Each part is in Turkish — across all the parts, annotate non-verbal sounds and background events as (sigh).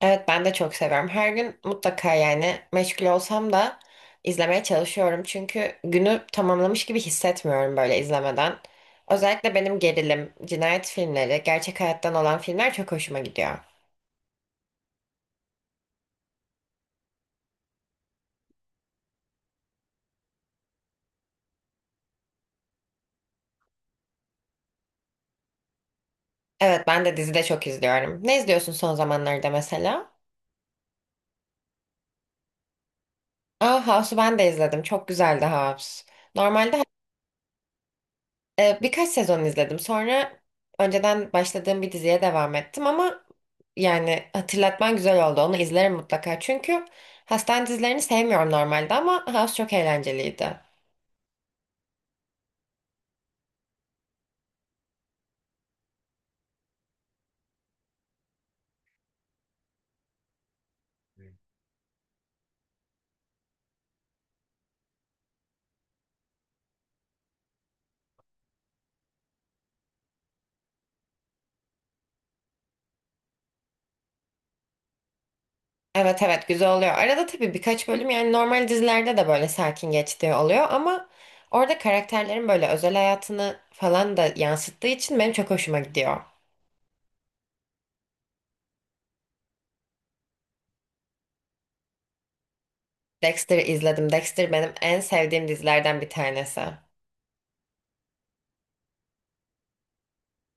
Evet ben de çok seviyorum. Her gün mutlaka yani meşgul olsam da izlemeye çalışıyorum. Çünkü günü tamamlamış gibi hissetmiyorum böyle izlemeden. Özellikle benim gerilim, cinayet filmleri, gerçek hayattan olan filmler çok hoşuma gidiyor. Evet ben de dizi de çok izliyorum. Ne izliyorsun son zamanlarda mesela? Aa, House'u ben de izledim. Çok güzeldi House. Normalde birkaç sezon izledim. Sonra önceden başladığım bir diziye devam ettim ama yani hatırlatman güzel oldu. Onu izlerim mutlaka. Çünkü hastane dizilerini sevmiyorum normalde ama House çok eğlenceliydi. Evet, evet, güzel oluyor. Arada tabii birkaç bölüm yani normal dizilerde de böyle sakin geçtiği oluyor ama orada karakterlerin böyle özel hayatını falan da yansıttığı için benim çok hoşuma gidiyor. Dexter'ı izledim. Dexter benim en sevdiğim dizilerden bir tanesi.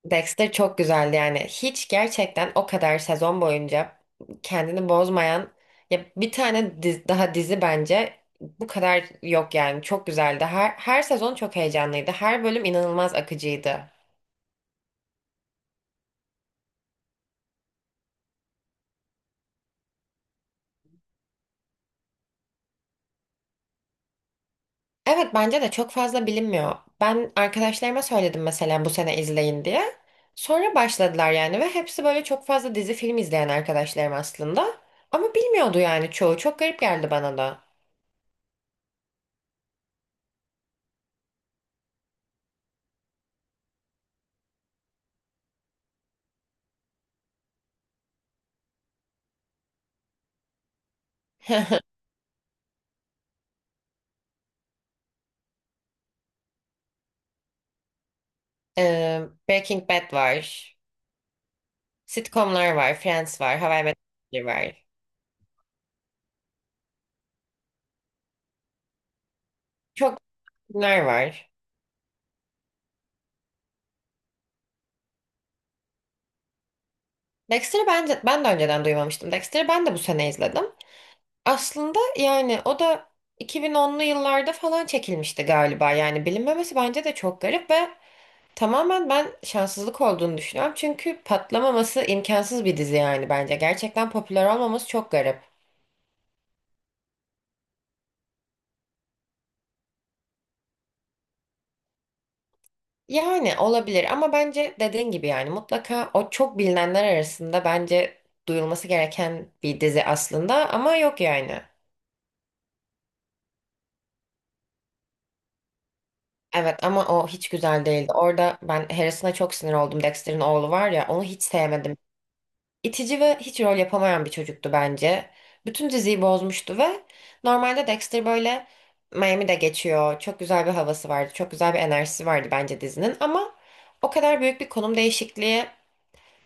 Dexter çok güzeldi yani. Hiç gerçekten o kadar sezon boyunca kendini bozmayan ya bir tane daha dizi bence bu kadar yok yani. Çok güzeldi. Her sezon çok heyecanlıydı. Her bölüm inanılmaz akıcıydı. Evet, bence de çok fazla bilinmiyor. Ben arkadaşlarıma söyledim mesela bu sene izleyin diye. Sonra başladılar yani ve hepsi böyle çok fazla dizi film izleyen arkadaşlarım aslında. Ama bilmiyordu yani çoğu. Çok garip geldi bana da. (laughs) Ee, Breaking Bad var. Sitcomlar var. Friends var. How I Met Your Mother var. Çok filmler var. Dexter'ı bence ben de önceden duymamıştım. Dexter'ı ben de bu sene izledim. Aslında yani o da 2010'lu yıllarda falan çekilmişti galiba. Yani bilinmemesi bence de çok garip ve tamamen ben şanssızlık olduğunu düşünüyorum. Çünkü patlamaması imkansız bir dizi yani bence. Gerçekten popüler olmaması çok garip. Yani olabilir ama bence dediğin gibi yani mutlaka o çok bilinenler arasında bence duyulması gereken bir dizi aslında ama yok yani. Evet ama o hiç güzel değildi. Orada ben Harrison'a çok sinir oldum. Dexter'in oğlu var ya, onu hiç sevmedim. İtici ve hiç rol yapamayan bir çocuktu bence. Bütün diziyi bozmuştu ve normalde Dexter böyle Miami'de geçiyor. Çok güzel bir havası vardı. Çok güzel bir enerjisi vardı bence dizinin ama o kadar büyük bir konum değişikliği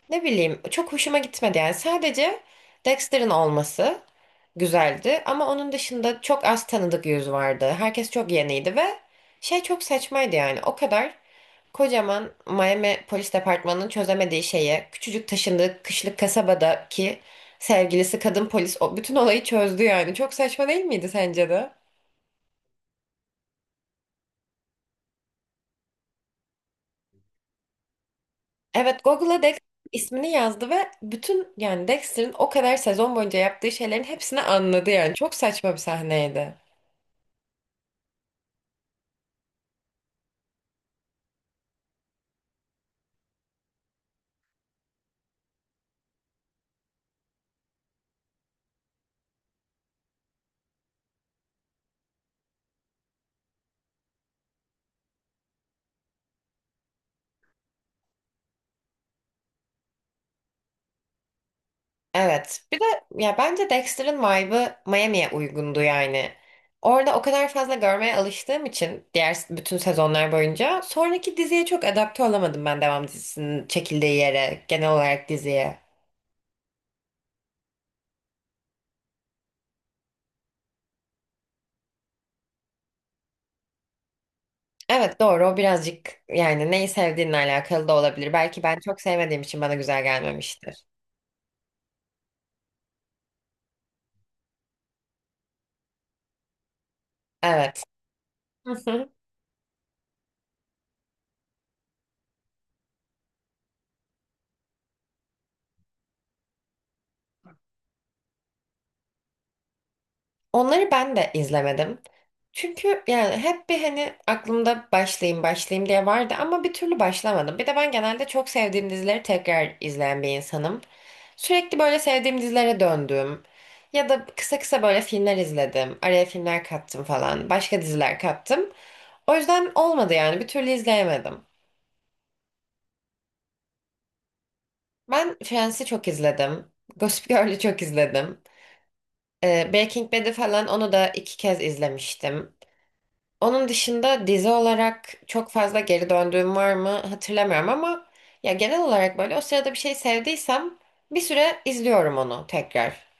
ne bileyim çok hoşuma gitmedi yani. Sadece Dexter'ın olması güzeldi ama onun dışında çok az tanıdık yüz vardı. Herkes çok yeniydi ve şey çok saçmaydı yani. O kadar kocaman Miami Polis Departmanı'nın çözemediği şeye küçücük taşındığı kışlık kasabadaki sevgilisi kadın polis o bütün olayı çözdü yani. Çok saçma değil miydi sence de? Evet, Google'a Dexter ismini yazdı ve bütün yani Dexter'ın o kadar sezon boyunca yaptığı şeylerin hepsini anladı yani. Çok saçma bir sahneydi. Evet. Bir de ya bence Dexter'ın vibe'ı Miami'ye uygundu yani. Orada o kadar fazla görmeye alıştığım için diğer bütün sezonlar boyunca sonraki diziye çok adapte olamadım ben devam dizisinin çekildiği yere, genel olarak diziye. Evet, doğru, o birazcık yani neyi sevdiğinle alakalı da olabilir. Belki ben çok sevmediğim için bana güzel gelmemiştir. Evet. (laughs) Onları ben de izlemedim. Çünkü yani hep bir hani aklımda başlayayım başlayayım diye vardı ama bir türlü başlamadım. Bir de ben genelde çok sevdiğim dizileri tekrar izleyen bir insanım. Sürekli böyle sevdiğim dizilere döndüm. Ya da kısa kısa böyle filmler izledim. Araya filmler kattım falan. Başka diziler kattım. O yüzden olmadı yani bir türlü izleyemedim. Ben Friends'i çok izledim. Gossip Girl'ü çok izledim. Breaking Bad'i falan, onu da iki kez izlemiştim. Onun dışında dizi olarak çok fazla geri döndüğüm var mı hatırlamıyorum ama ya genel olarak böyle o sırada bir şey sevdiysem bir süre izliyorum onu tekrar.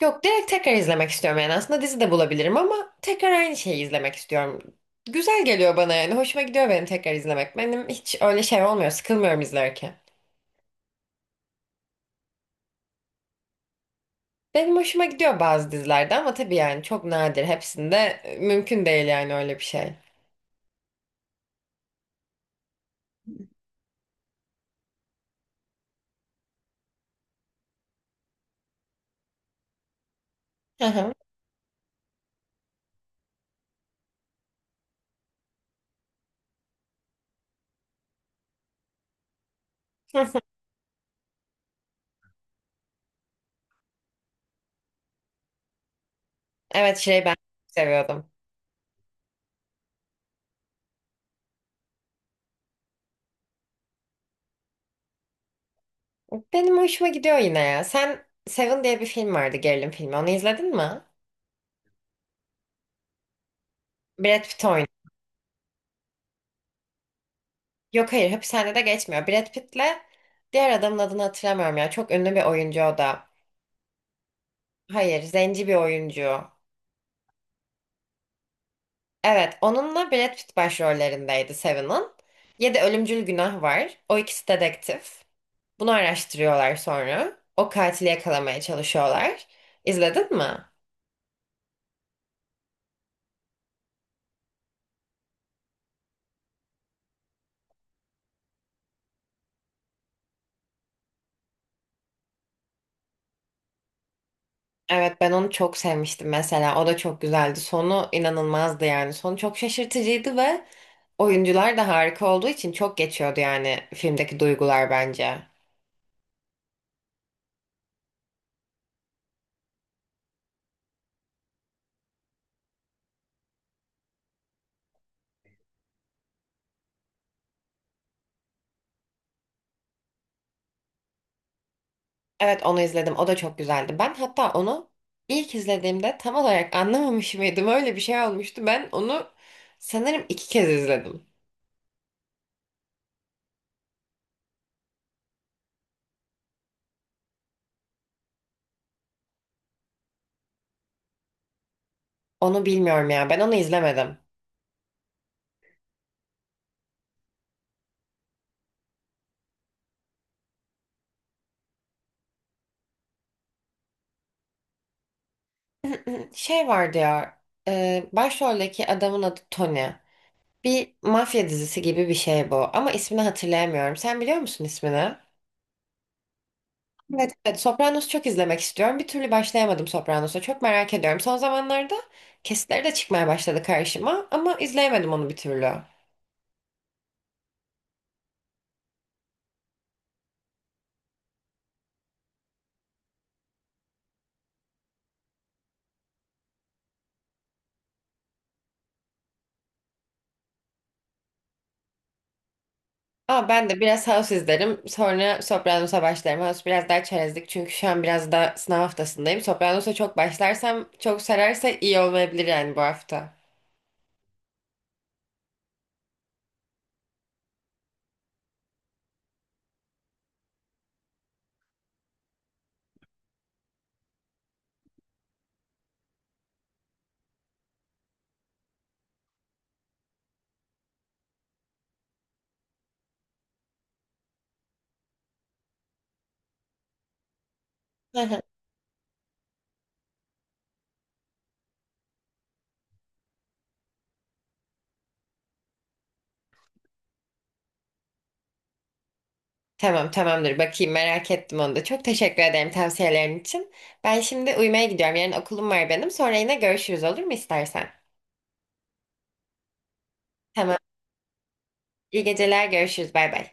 Yok, direkt tekrar izlemek istiyorum yani, aslında dizi de bulabilirim ama tekrar aynı şeyi izlemek istiyorum. Güzel geliyor bana yani hoşuma gidiyor benim tekrar izlemek. Benim hiç öyle şey olmuyor, sıkılmıyorum izlerken. Benim hoşuma gidiyor bazı dizilerde ama tabii yani çok nadir, hepsinde mümkün değil yani öyle bir şey. Hı hı. (laughs) Evet, şey ben seviyordum. Benim hoşuma gidiyor yine ya. Sen Seven diye bir film vardı, gerilim filmi. Onu izledin mi? Brad Pitt oynuyor. Yok, hayır, hapishanede geçmiyor. Brad Pitt'le diğer adamın adını hatırlamıyorum ya. Çok ünlü bir oyuncu o da. Hayır, zenci bir oyuncu. Evet, onunla Brad Pitt başrollerindeydi Seven'ın. Yedi ölümcül günah var. O ikisi dedektif. Bunu araştırıyorlar sonra. O katili yakalamaya çalışıyorlar. İzledin mi? Evet, ben onu çok sevmiştim mesela. O da çok güzeldi. Sonu inanılmazdı yani. Sonu çok şaşırtıcıydı ve oyuncular da harika olduğu için çok geçiyordu yani filmdeki duygular bence. Evet, onu izledim. O da çok güzeldi. Ben hatta onu ilk izlediğimde tam olarak (laughs) anlamamış mıydım? Öyle bir şey olmuştu. Ben onu sanırım iki kez izledim. Onu bilmiyorum ya. Ben onu izlemedim. (clears throat) Şey vardı ya. Başroldeki adamın adı Tony. Bir mafya dizisi gibi bir şey bu ama ismini hatırlayamıyorum. Sen biliyor musun ismini? Evet, evet. Sopranos'u çok izlemek istiyorum. Bir türlü başlayamadım Sopranos'a. Çok merak ediyorum. Son zamanlarda kesitleri de çıkmaya başladı karşıma ama izleyemedim onu bir türlü. Ama ben de biraz House izlerim. Sonra Sopranos'a başlarım. House biraz daha çerezlik çünkü şu an biraz da sınav haftasındayım. Sopranos'a çok başlarsam, çok sararsa iyi olmayabilir yani bu hafta. (laughs) Tamam, tamamdır, bakayım, merak ettim onu da. Çok teşekkür ederim tavsiyelerin için. Ben şimdi uyumaya gidiyorum. Yarın okulum var benim. Sonra yine görüşürüz olur mu istersen? Tamam. İyi geceler, görüşürüz. Bay bay.